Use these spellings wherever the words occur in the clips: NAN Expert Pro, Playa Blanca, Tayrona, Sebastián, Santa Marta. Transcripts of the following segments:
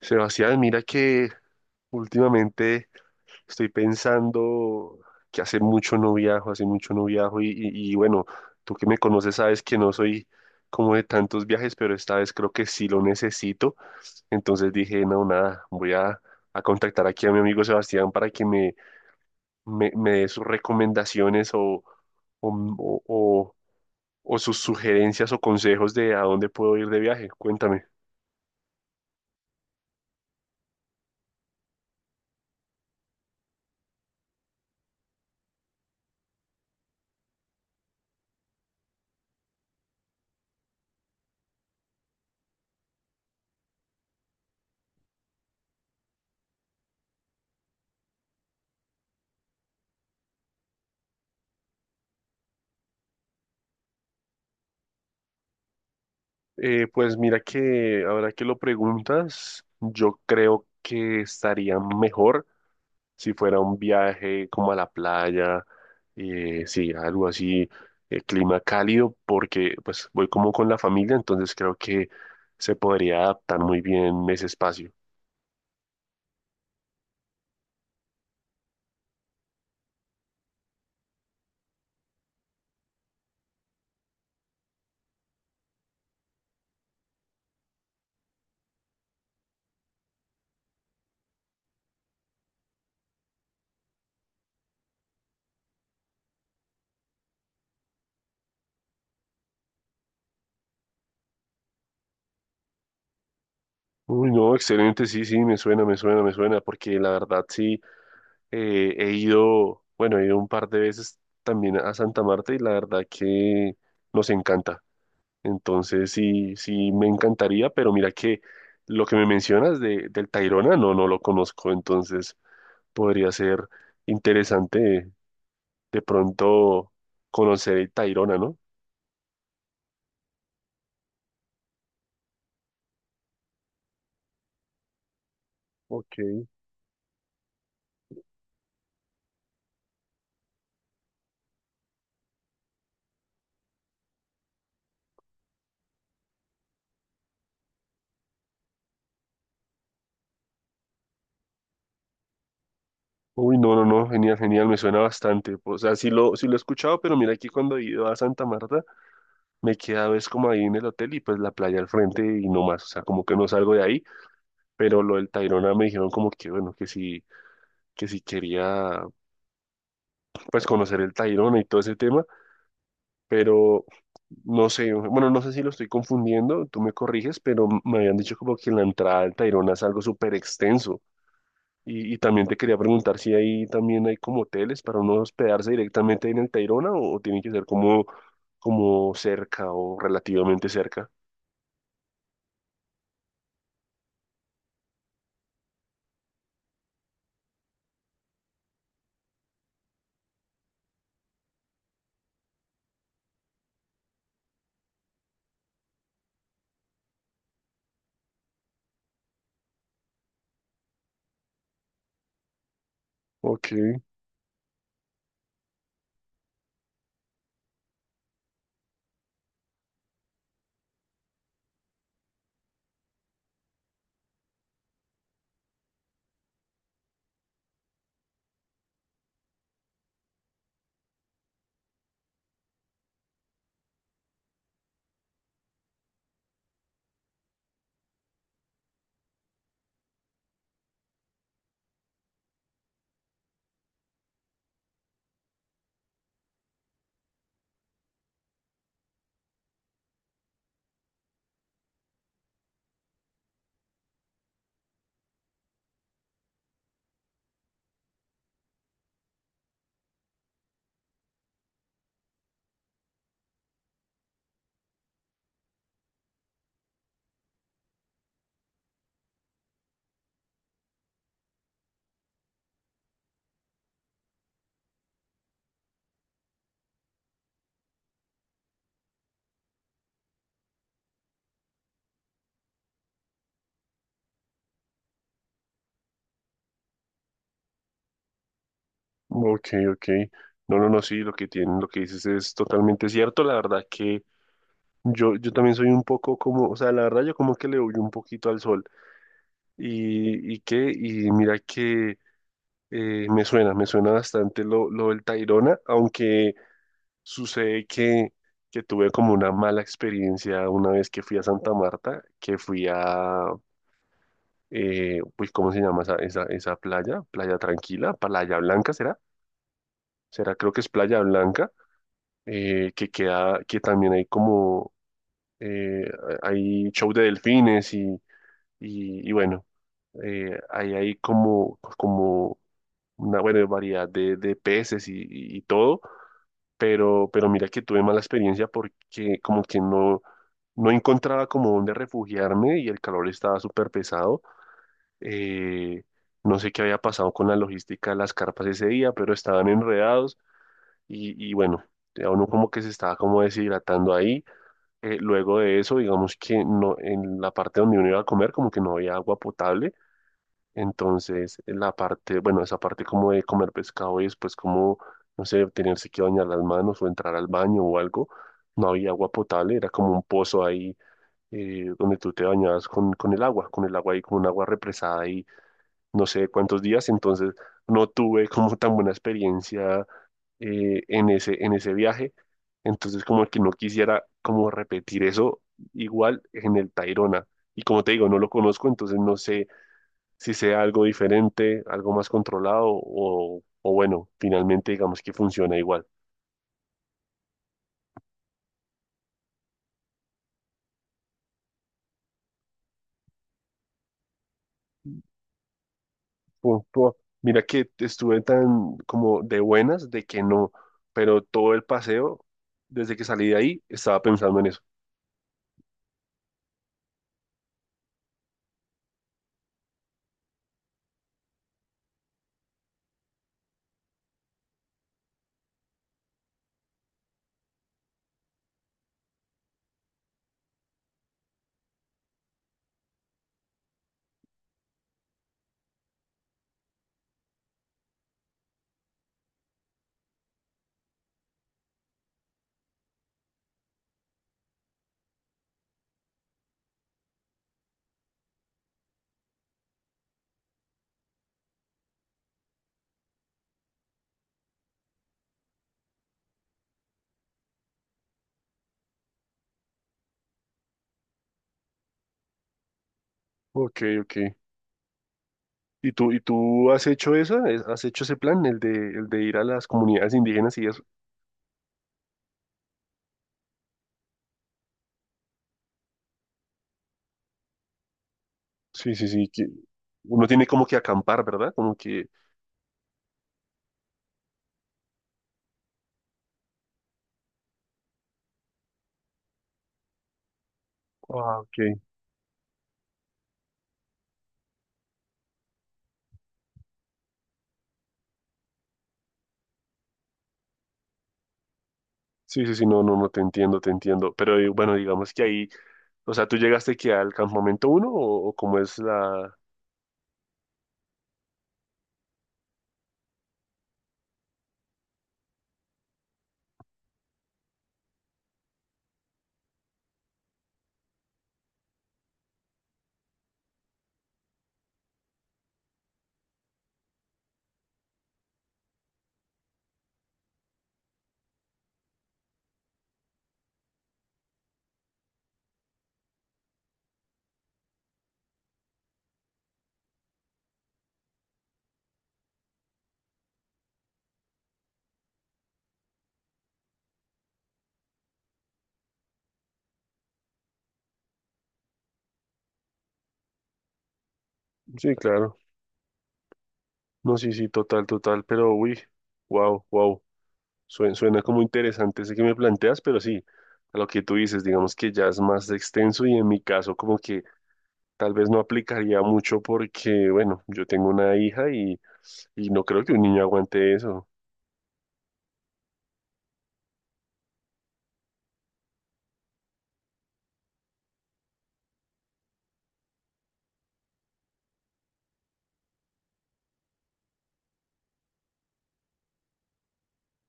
Sebastián, mira que últimamente estoy pensando que hace mucho no viajo, y bueno, tú que me conoces sabes que no soy como de tantos viajes, pero esta vez creo que sí lo necesito. Entonces dije, no, nada, voy a contactar aquí a mi amigo Sebastián para que me dé sus recomendaciones o, o o- o sus sugerencias o consejos de a dónde puedo ir de viaje. Cuéntame. Pues mira que ahora que lo preguntas, yo creo que estaría mejor si fuera un viaje como a la playa, sí, algo así, clima cálido, porque pues voy como con la familia, entonces creo que se podría adaptar muy bien ese espacio. Uy, no, excelente, sí, sí, me suena, porque la verdad sí, he ido, bueno, he ido un par de veces también a Santa Marta y la verdad que nos encanta. Entonces sí, sí me encantaría, pero mira que lo que me mencionas del Tayrona, no, no lo conozco, entonces podría ser interesante de pronto conocer el Tayrona, ¿no? Ok. Uy, no, no, no, genial, me suena bastante. O sea, sí lo he escuchado, pero mira que cuando he ido a Santa Marta, me quedaba es como ahí en el hotel y pues la playa al frente y no más, o sea, como que no salgo de ahí, pero lo del Tayrona me dijeron como que bueno, que sí, que si quería pues conocer el Tayrona y todo ese tema. Pero no sé, bueno, no sé si lo estoy confundiendo, tú me corriges, pero me habían dicho como que la entrada al Tayrona es algo súper extenso. Y también te quería preguntar si ahí también hay como hoteles para uno hospedarse directamente en el Tayrona o tiene que ser como, como cerca o relativamente cerca. Ok, ok, ok. No, no, no, sí, lo que tienen, lo que dices es totalmente cierto. La verdad que yo también soy un poco como, o sea, la verdad yo como que le huyo un poquito al sol. Y mira que me suena bastante lo del Tayrona, aunque sucede que tuve como una mala experiencia una vez que fui a Santa Marta, que fui a, pues, ¿cómo se llama esa playa? Playa Tranquila, Playa Blanca, ¿será? ¿Será? Creo que es Playa Blanca, que queda, que también hay como, eh, hay show de delfines y bueno, ahí hay como, como una buena variedad de peces y todo, pero mira que tuve mala experiencia porque como que no, no encontraba como dónde refugiarme y el calor estaba súper pesado. Eh, no sé qué había pasado con la logística de las carpas ese día, pero estaban enredados y bueno, ya uno como que se estaba como deshidratando ahí. Luego de eso, digamos que no, en la parte donde uno iba a comer como que no había agua potable. Entonces, la parte, bueno, esa parte como de comer pescado y después como, no sé, tenerse que bañar las manos o entrar al baño o algo, no había agua potable, era como un pozo ahí, donde tú te bañabas con el agua ahí, con un agua represada ahí, no sé cuántos días, entonces no tuve como tan buena experiencia, en en ese viaje, entonces como que no quisiera como repetir eso igual en el Tayrona. Y como te digo, no lo conozco, entonces no sé si sea algo diferente, algo más controlado o bueno, finalmente digamos que funciona igual. Pu- pu- mira que estuve tan como de buenas de que no, pero todo el paseo, desde que salí de ahí, estaba pensando en eso. Ok, ok. ¿Y tú has hecho eso? ¿Has hecho ese plan, el de ir a las comunidades indígenas y eso? Sí, sí, sí, que uno tiene como que acampar, ¿verdad? Como que... Ah, ok. Sí, sí, sí, no, no, no, te entiendo. Pero bueno, digamos que ahí, o sea, ¿tú llegaste aquí al campamento uno o cómo es la...? Sí, claro. No, sí, sí, total, total. Pero, uy, wow, wow. Suena como interesante ese que me planteas, pero sí, a lo que tú dices, digamos que ya es más extenso y en mi caso como que tal vez no aplicaría mucho porque, bueno, yo tengo una hija y no creo que un niño aguante eso.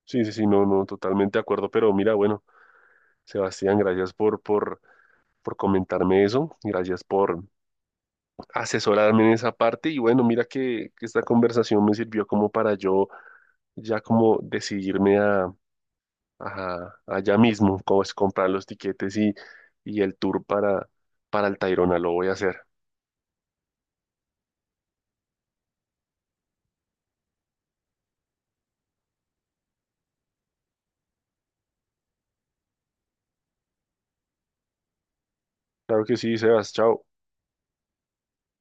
Sí, sí, sí, no, no, totalmente de acuerdo. Pero mira, bueno, Sebastián, por comentarme eso. Gracias por asesorarme en esa parte y bueno, mira que esta conversación me sirvió como para yo ya como decidirme a, a ya mismo, como es comprar los tiquetes y el tour para el Tayrona, lo voy a hacer. Claro que sí, Sebas, chao.